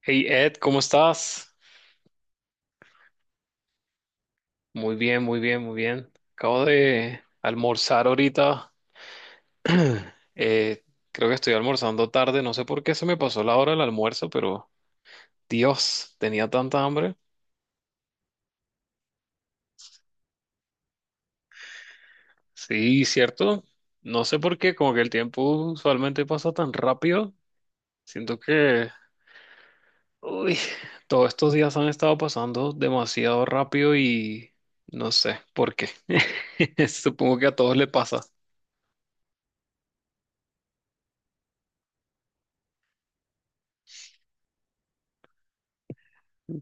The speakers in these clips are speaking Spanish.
Hey Ed, ¿cómo estás? Muy bien, muy bien, muy bien. Acabo de almorzar ahorita. Eh, creo que estoy almorzando tarde. No sé por qué se me pasó la hora del almuerzo, pero Dios, tenía tanta hambre. Sí, cierto. No sé por qué, como que el tiempo usualmente pasa tan rápido. Siento que, uy, todos estos días han estado pasando demasiado rápido y no sé por qué. Supongo que a todos le pasa.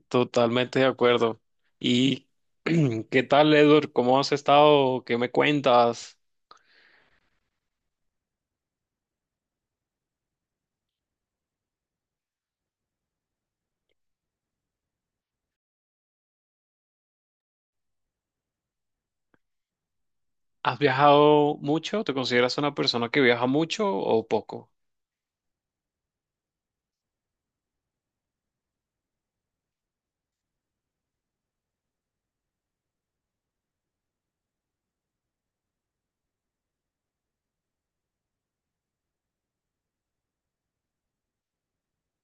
Totalmente de acuerdo. ¿Y qué tal, Edward? ¿Cómo has estado? ¿Qué me cuentas? ¿Has viajado mucho? ¿Te consideras una persona que viaja mucho o poco?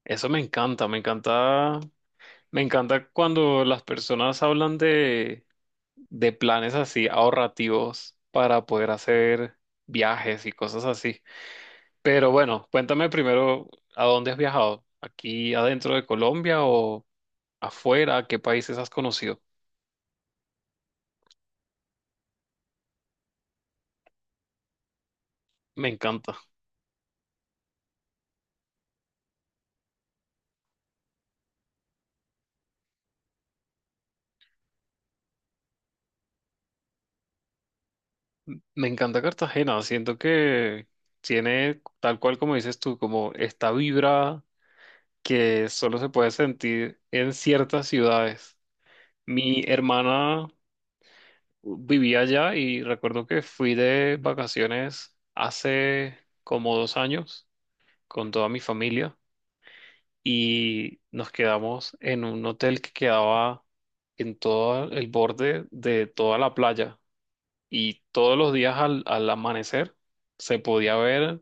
Eso me encanta, me encanta, me encanta cuando las personas hablan de planes así ahorrativos para poder hacer viajes y cosas así. Pero bueno, cuéntame primero, ¿a dónde has viajado? ¿Aquí adentro de Colombia o afuera? ¿Qué países has conocido? Me encanta. Me encanta Cartagena, siento que tiene, tal cual como dices tú, como esta vibra que solo se puede sentir en ciertas ciudades. Mi hermana vivía allá y recuerdo que fui de vacaciones hace como 2 años con toda mi familia y nos quedamos en un hotel que quedaba en todo el borde de toda la playa y todos los días al amanecer se podía ver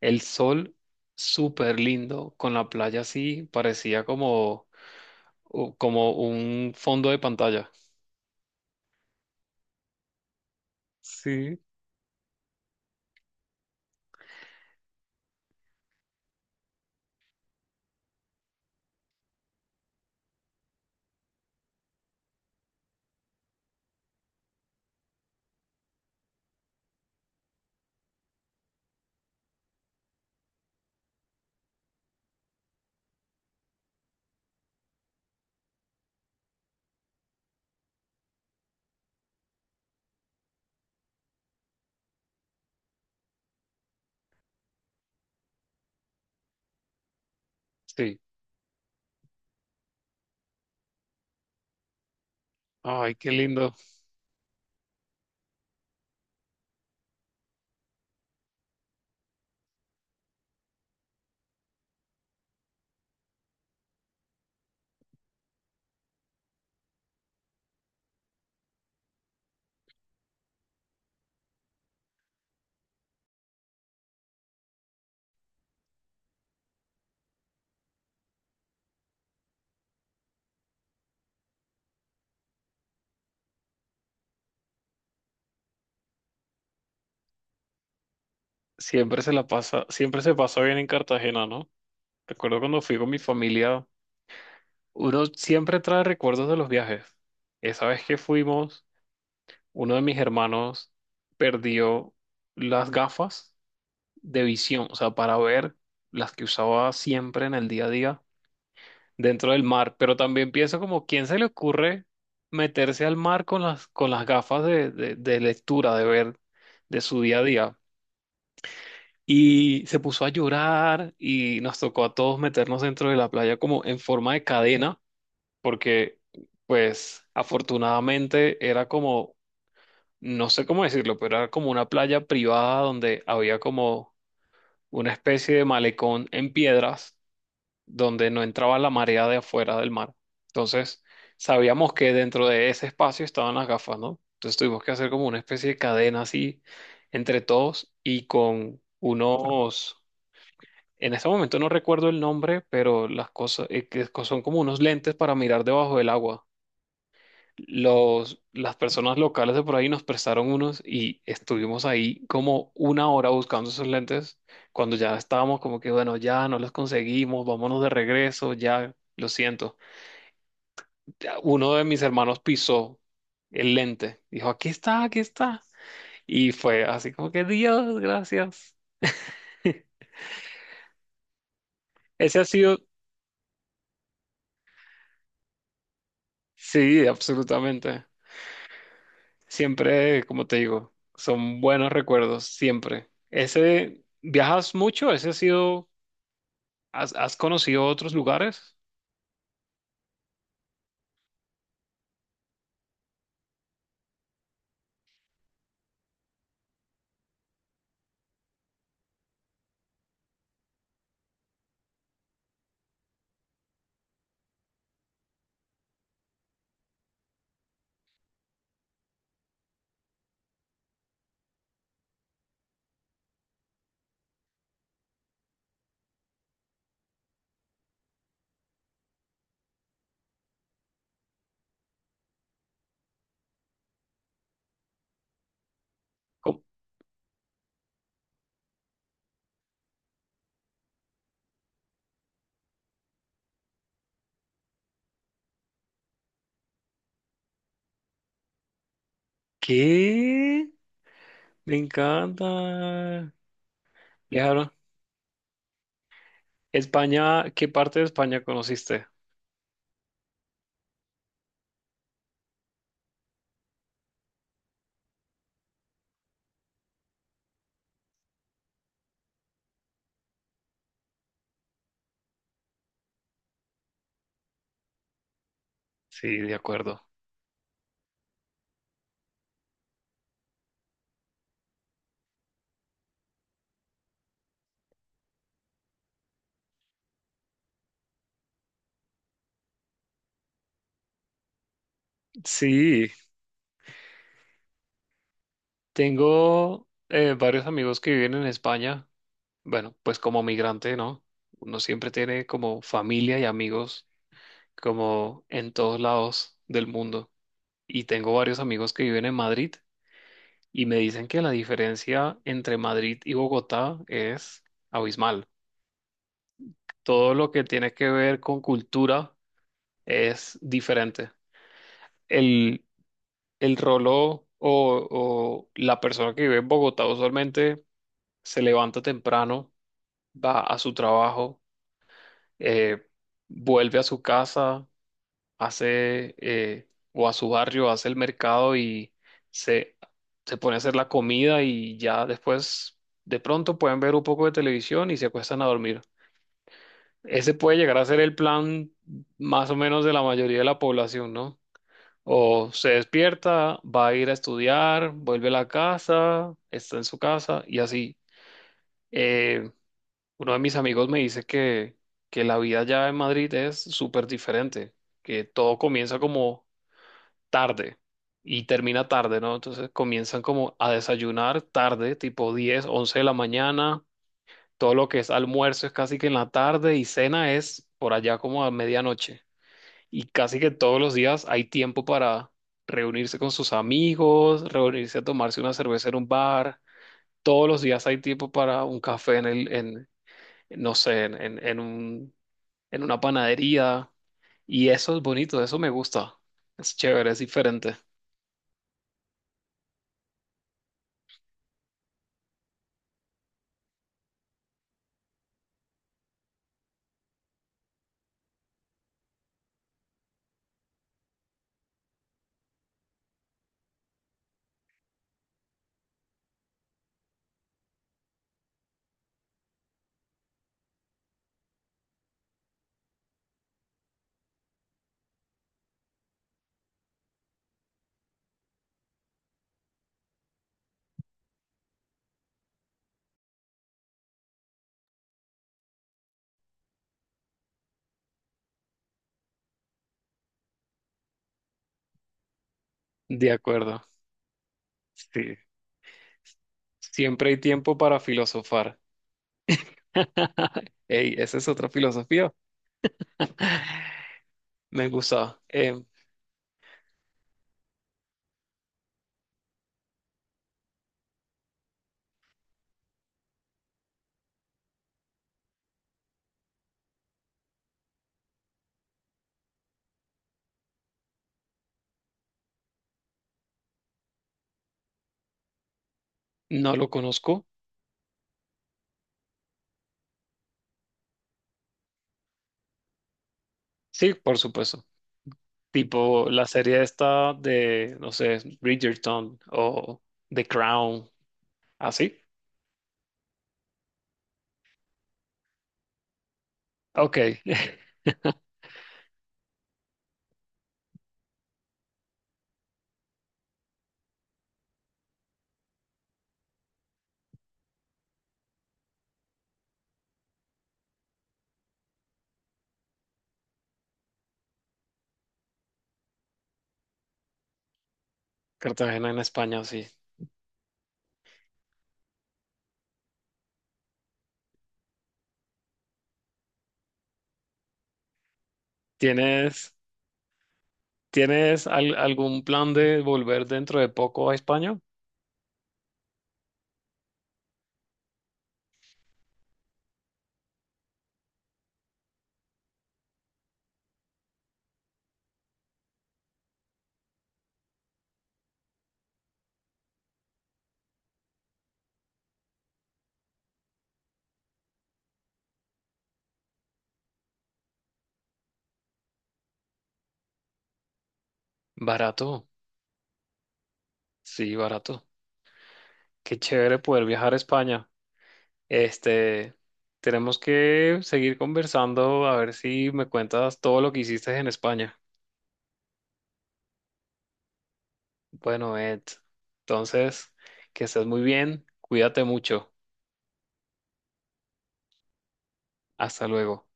el sol súper lindo, con la playa así, parecía como, como un fondo de pantalla. Sí, sí. Ay, qué lindo. Siempre se la pasa, siempre se pasa bien en Cartagena, ¿no? Recuerdo cuando fui con mi familia, uno siempre trae recuerdos de los viajes. Esa vez que fuimos, uno de mis hermanos perdió las gafas de visión, o sea, para ver las que usaba siempre en el día a día dentro del mar, pero también pienso como, ¿quién se le ocurre meterse al mar con las gafas de lectura, de ver, de su día a día? Y se puso a llorar y nos tocó a todos meternos dentro de la playa como en forma de cadena, porque pues afortunadamente era como, no sé cómo decirlo, pero era como una playa privada donde había como una especie de malecón en piedras donde no entraba la marea de afuera del mar. Entonces, sabíamos que dentro de ese espacio estaban las gafas, ¿no? Entonces tuvimos que hacer como una especie de cadena así entre todos y con unos, en este momento no recuerdo el nombre, pero las cosas que son como unos lentes para mirar debajo del agua. Las personas locales de por ahí nos prestaron unos y estuvimos ahí como 1 hora buscando esos lentes. Cuando ya estábamos como que, bueno, ya no los conseguimos, vámonos de regreso, ya, lo siento. Ya, uno de mis hermanos pisó el lente, dijo, aquí está, aquí está. Y fue así como que, Dios, gracias. Ese ha sido, sí, absolutamente. Siempre, como te digo, son buenos recuerdos, siempre. Ese, ¿viajas mucho? Ese ha sido, ¿has, has conocido otros lugares? ¿Cómo? ¿Qué? Me encanta. Viajaron. España, ¿qué parte de España conociste? Sí, de acuerdo. Sí, tengo varios amigos que viven en España. Bueno, pues como migrante, ¿no? Uno siempre tiene como familia y amigos como en todos lados del mundo. Y tengo varios amigos que viven en Madrid y me dicen que la diferencia entre Madrid y Bogotá es abismal. Todo lo que tiene que ver con cultura es diferente. El, el rolo o la persona que vive en Bogotá usualmente se levanta temprano, va a su trabajo, eh, vuelve a su casa, hace o a su barrio, hace el mercado y se, se pone a hacer la comida y ya después de pronto pueden ver un poco de televisión y se acuestan a dormir. Ese puede llegar a ser el plan más o menos de la mayoría de la población, ¿no? O se despierta, va a ir a estudiar, vuelve a la casa, está en su casa y así. Eh, uno de mis amigos me dice que la vida ya en Madrid es súper diferente, que todo comienza como tarde y termina tarde, ¿no? Entonces comienzan como a desayunar tarde, tipo 10 11 de la mañana. Todo lo que es almuerzo es casi que en la tarde y cena es por allá como a medianoche. Y casi que todos los días hay tiempo para reunirse con sus amigos, reunirse a tomarse una cerveza en un bar. Todos los días hay tiempo para un café en no sé, en una panadería. Y eso es bonito, eso me gusta. Es chévere, es diferente. De acuerdo. Sí. Siempre hay tiempo para filosofar. Ey, esa es otra filosofía. Me gusta. No lo conozco. Sí, por supuesto. Tipo la serie esta de, no sé, Bridgerton o The Crown, así. Ok. Cartagena en España, sí. ¿Tienes, tienes algún plan de volver dentro de poco a España? Barato, sí, barato. Qué chévere poder viajar a España. Este, tenemos que seguir conversando a ver si me cuentas todo lo que hiciste en España. Bueno, Ed, entonces, que estés muy bien, cuídate mucho. Hasta luego.